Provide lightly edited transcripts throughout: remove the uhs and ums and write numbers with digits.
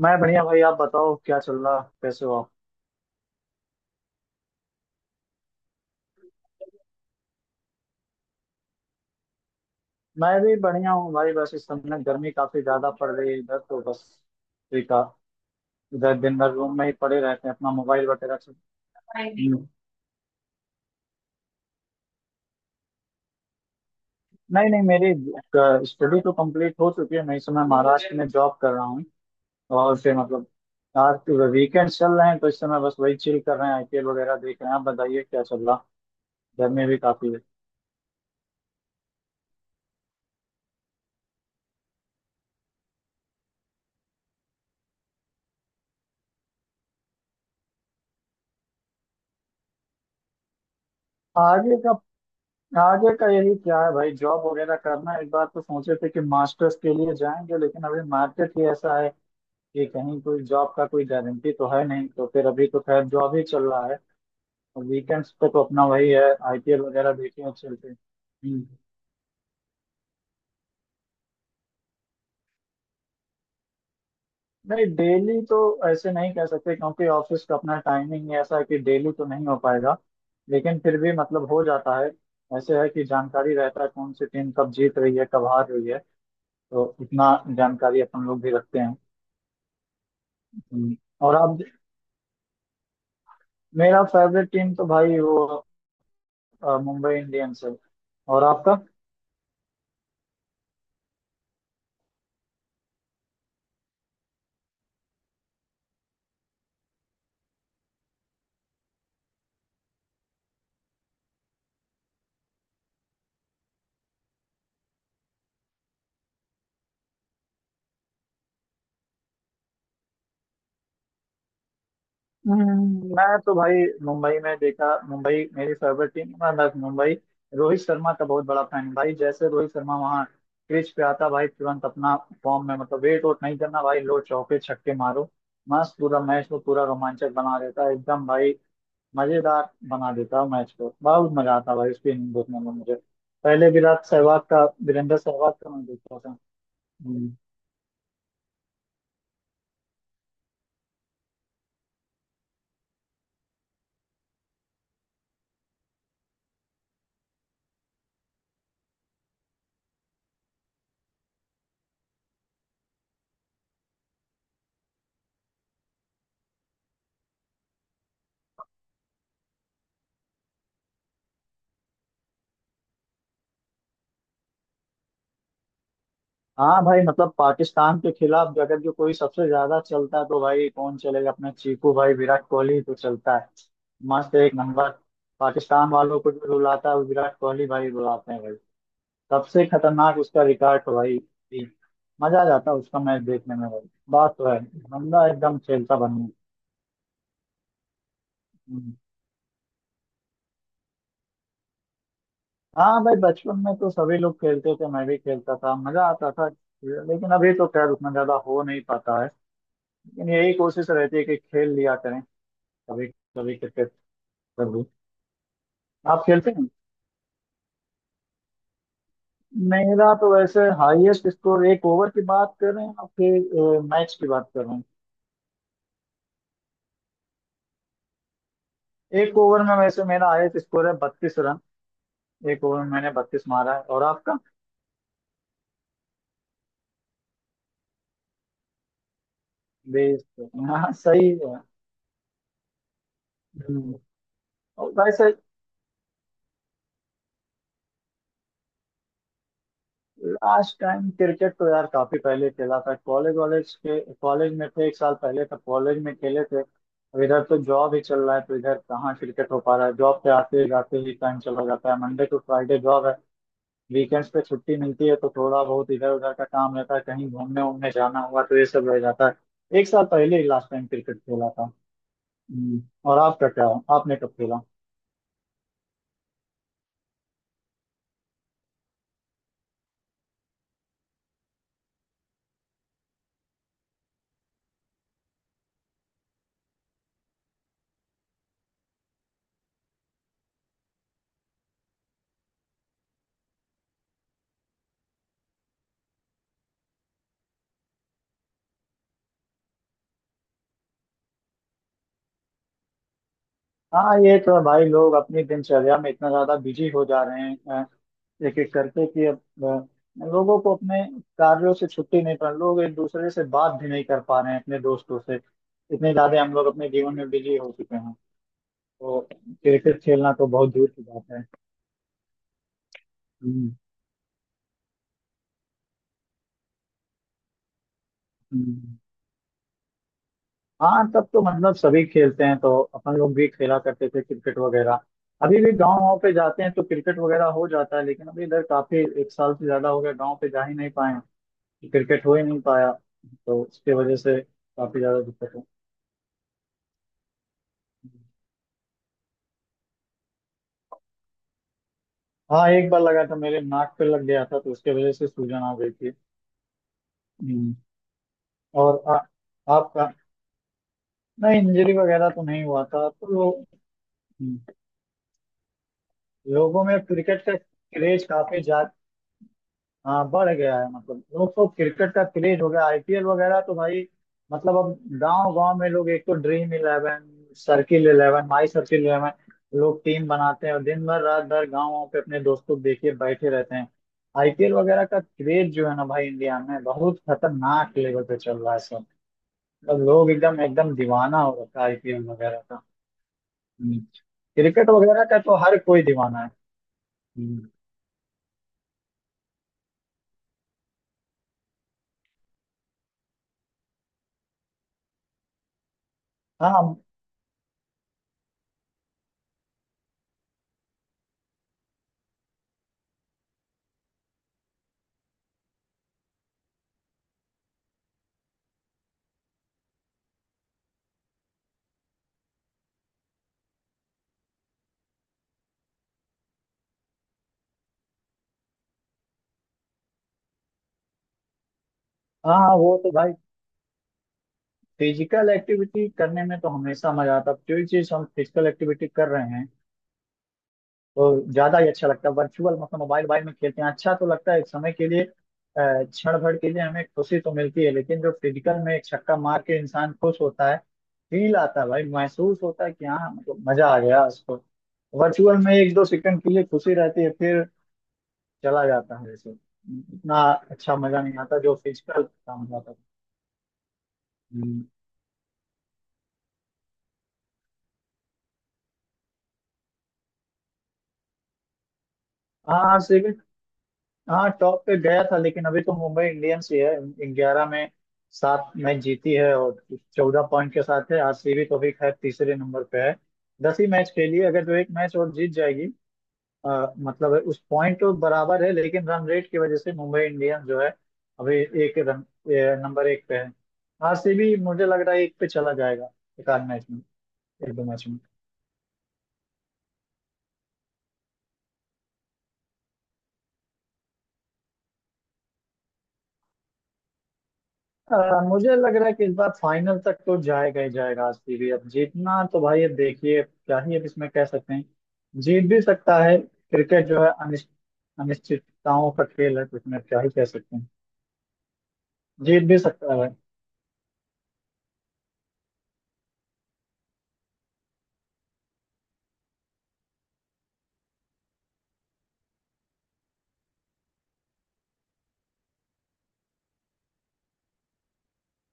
मैं बढ़िया भाई, आप बताओ क्या चल रहा, कैसे हो आप? मैं भी बढ़िया हूँ भाई, बस इस समय गर्मी काफी ज्यादा पड़ रही है इधर तो। बस ठीक है। इधर दिन भर रूम में ही पड़े रहते हैं अपना मोबाइल वगैरह से। हम्म। नहीं नहीं, मेरी स्टडी तो कंप्लीट हो चुकी है। मैं इस समय महाराष्ट्र में जॉब कर रहा हूँ। और फिर मतलब, यार वीकेंड चल रहे हैं तो इस समय बस वही चिल कर रहे हैं, आईपीएल वगैरह देख रहे हैं। आप बताइए क्या चल रहा, गर्मी भी काफी है। आगे का? आगे का यही क्या है भाई, जॉब वगैरह करना। एक बार तो सोचे थे कि मास्टर्स के लिए जाएंगे, लेकिन अभी मार्केट ही ऐसा है कि कहीं कोई जॉब का कोई गारंटी तो है नहीं, तो फिर अभी तो खैर जॉब ही चल रहा है। और वीकेंड्स पे तो अपना वही है, आईपीएल वगैरह देखे और चलते हैं। हम्म। नहीं, डेली तो ऐसे नहीं कह सकते, क्योंकि ऑफिस का अपना टाइमिंग ही ऐसा है कि डेली तो नहीं हो पाएगा। लेकिन फिर भी मतलब हो जाता है। ऐसे है कि जानकारी रहता है कौन सी टीम कब जीत रही है, कब हार रही है, तो इतना जानकारी अपन लोग भी रखते हैं। हम्म। और आप? मेरा फेवरेट टीम तो भाई वो मुंबई इंडियंस है। और आपका? हम्म। मैं तो भाई मुंबई में देखा, मुंबई मेरी फेवरेट टीम, मैं बस मुंबई, रोहित शर्मा का बहुत बड़ा फैन हूँ भाई। जैसे रोहित शर्मा वहाँ क्रीज पे आता भाई, तुरंत अपना फॉर्म में, मतलब वेट वोट नहीं करना भाई, लो चौके छक्के मारो। मस्त, पूरा मैच को पूरा रोमांचक बना देता है एकदम भाई, मजेदार बना देता है मैच को। बहुत मजा आता है भाई उसकी इनिंग देखने में मुझे। पहले विराट सहवाग का, वीरेंद्र सहवाग का मैं देखता था। हम्म। हाँ भाई, मतलब पाकिस्तान के खिलाफ अगर जो कोई सबसे ज्यादा चलता है तो भाई कौन चलेगा? अपना चीकू भाई विराट कोहली तो चलता है मस्त, एक नंबर। पाकिस्तान वालों को जो रुलाता है वो विराट कोहली भाई, रुलाते हैं भाई। सबसे खतरनाक उसका रिकॉर्ड है भाई। मजा आ जाता है उसका मैच देखने में भाई, बात तो है, बंदा एकदम खेलता बन गया। हम्म। हाँ भाई, बचपन में तो सभी लोग खेलते थे, मैं भी खेलता था, मजा आता था। लेकिन अभी तो खैर उतना ज्यादा हो नहीं पाता है, लेकिन यही कोशिश रहती है कि खेल लिया करें कभी, कभी क्रिकेट, कभी। आप खेलते हैं? मेरा तो वैसे हाईएस्ट स्कोर, एक ओवर की बात कर रहे हैं आप फिर मैच की बात कर रहे हैं? एक ओवर में वैसे मेरा हाईएस्ट स्कोर है 32 रन, एक ओवर में मैंने 32 मारा है। और आपका? 20? हाँ सही है। हम्म। और वैसे, लास्ट टाइम क्रिकेट तो यार काफी पहले खेला था, कॉलेज वॉलेज के, कॉलेज में थे, एक साल पहले तक कॉलेज में खेले थे। अब इधर तो जॉब ही चल रहा है, तो इधर कहाँ क्रिकेट हो पा रहा है, जॉब पे आते जाते ही टाइम चला जाता है। मंडे टू फ्राइडे जॉब है, वीकेंड्स पे छुट्टी मिलती है, तो थोड़ा बहुत इधर उधर का काम रहता है, कहीं घूमने उमने जाना हुआ तो ये सब रह जाता है। एक साल पहले ही लास्ट टाइम क्रिकेट खेला था। हम्म। और आपका क्या, आपने कब खेला? हाँ, ये तो है भाई, लोग अपनी दिनचर्या में इतना ज्यादा बिजी हो जा रहे हैं एक एक करके कि अब लोगों को अपने कार्यों से छुट्टी नहीं, पा लोग एक दूसरे से बात भी नहीं कर पा रहे हैं अपने दोस्तों से, इतने ज्यादा हम लोग अपने जीवन में बिजी हो चुके हैं, तो क्रिकेट खेलना तो बहुत दूर की बात है। हम्म। हम्म। हाँ, तब तो मतलब सभी खेलते हैं, तो अपन लोग भी खेला करते थे क्रिकेट वगैरह। अभी भी गाँव वाँव पे जाते हैं तो क्रिकेट वगैरह हो जाता है, लेकिन अभी इधर काफी एक साल से ज्यादा हो गया गाँव पे जा ही नहीं पाए हैं। क्रिकेट हो ही नहीं पाया, तो उसके वजह से काफी ज्यादा दिक्कत है। हाँ, एक बार लगा था, मेरे नाक पे लग गया था तो उसके वजह से सूजन आ गई थी। हम्म। और आपका? नहीं, इंजरी वगैरह तो नहीं हुआ था तो लो, हम्म, लोगों में क्रिकेट का क्रेज काफी ज्यादा, हाँ, बढ़ गया है, मतलब लोग तो, क्रिकेट का क्रेज हो गया आईपीएल वगैरह तो भाई, मतलब अब गांव गांव में लोग, एक तो Dream Eleven, circle eleven, my circle eleven, लोग टीम बनाते हैं और दिन भर रात भर गाँव पे अपने दोस्तों को देखे बैठे रहते हैं। आईपीएल वगैरह का क्रेज जो है ना भाई, इंडिया में बहुत खतरनाक लेवल पे चल रहा है सब, मतलब लोग एकदम एकदम दीवाना हो रखा है आईपीएल वगैरह का। हम्म। क्रिकेट वगैरह का तो हर कोई दीवाना है। हम्म। हाँ हाँ। हाँ, वो तो भाई फिजिकल एक्टिविटी करने में तो हमेशा मजा आता है, जो चीज हम फिजिकल एक्टिविटी कर रहे हैं तो ज्यादा ही अच्छा लगता है। वर्चुअल मतलब मोबाइल, मोबाइल में खेलते हैं अच्छा तो लगता है एक समय के लिए, क्षण भर के लिए हमें खुशी तो मिलती है, लेकिन जो फिजिकल में एक छक्का मार के इंसान खुश होता है, फील आता है भाई, महसूस होता है कि हाँ, मतलब मजा आ गया उसको। वर्चुअल में एक दो सेकंड के लिए खुशी रहती है, फिर चला जाता है, जैसे उतना अच्छा मजा नहीं आता जो फिजिकल काम जाता है। हम्म। हाँ सिविल। हाँ, टॉप पे गया था, लेकिन अभी तो मुंबई इंडियंस ही है, 11 में 7 मैच जीती है और 14 पॉइंट के साथ है। आरसीबी तो भी खैर तीसरे नंबर पे है, 10 ही मैच खेली है, अगर जो एक मैच और जीत जाएगी मतलब है, उस पॉइंट तो बराबर है, लेकिन रन रेट की वजह से मुंबई इंडियंस जो है अभी एक रन नंबर एक पे है। आरसीबी मुझे लग रहा है एक पे चला जाएगा एक आध मैच में, एक दो मैच। मुझे लग रहा है कि इस बार फाइनल तक तो जाएगा ही जाएगा आरसीबी, अब जीतना तो भाई अब देखिए क्या ही अब इसमें कह सकते हैं, जीत भी सकता है। क्रिकेट जो है अनिश्चितताओं का खेल है, तो इसमें क्या ही कह सकते हैं, जीत भी सकता है।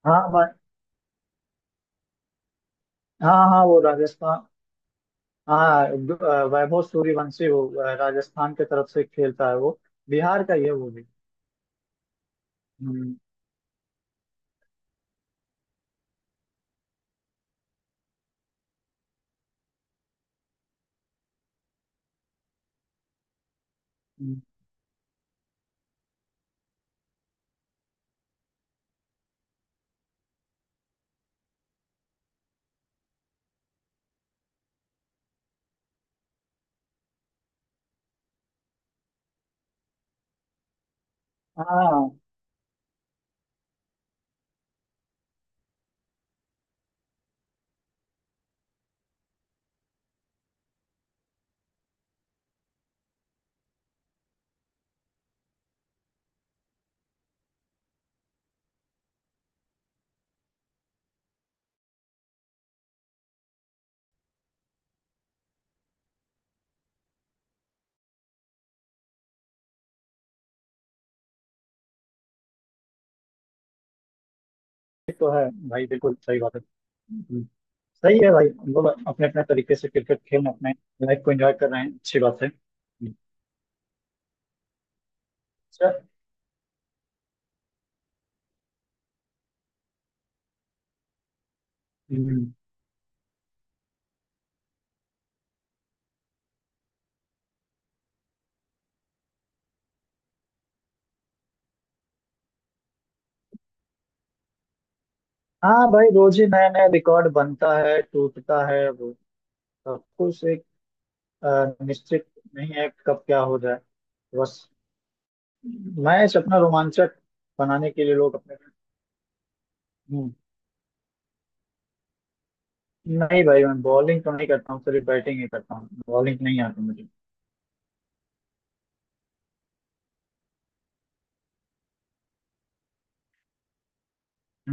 हाँ हाँ हाँ वो राजस्थान, हाँ वैभव सूर्यवंशी, वो राजस्थान की तरफ से खेलता है, वो बिहार का ही है वो भी। हम्म। हम्म। हाँ, ये तो है भाई बिल्कुल सही बात है। हम्म। सही है भाई, हम लोग अपने अपने तरीके से क्रिकेट खेल, अपने लाइफ को एंजॉय कर रहे हैं, अच्छी बात है। हम्म। अच्छा। हम्म। हाँ भाई, रोज ही नया नया रिकॉर्ड बनता है, टूटता है, वो सब कुछ एक निश्चित नहीं है कब क्या हो जाए। बस मैच अपना रोमांचक बनाने के लिए लोग अपने। हम्म। नहीं भाई, मैं बॉलिंग तो नहीं करता हूँ, सिर्फ बैटिंग ही करता हूँ, बॉलिंग नहीं आती मुझे।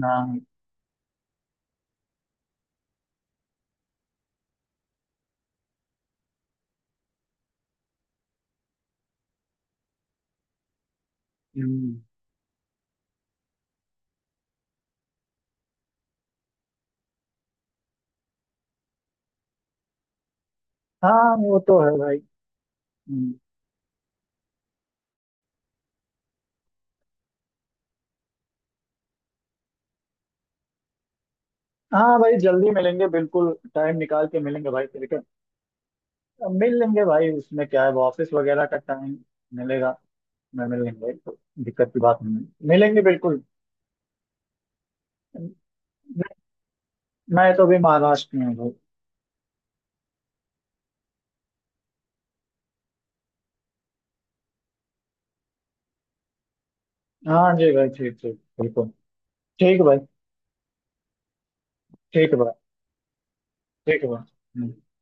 हाँ। हम्म। हाँ, वो तो है भाई। हम्म। हाँ भाई, जल्दी मिलेंगे, बिल्कुल टाइम निकाल के मिलेंगे भाई क्रिकेट। मिल लेंगे भाई, उसमें क्या है, वो ऑफिस वगैरह का टाइम मिलेगा, मैं मिल लेंगे भाई तो। दिक्कत की बात नहीं है, मिलेंगे बिल्कुल। मैं मैं तो भी महाराष्ट्र में हूँ भाई। हाँ जी भाई, ठीक ठीक, बिल्कुल ठीक है भाई। ठीक है भाई। ठीक है भाई। हम्म।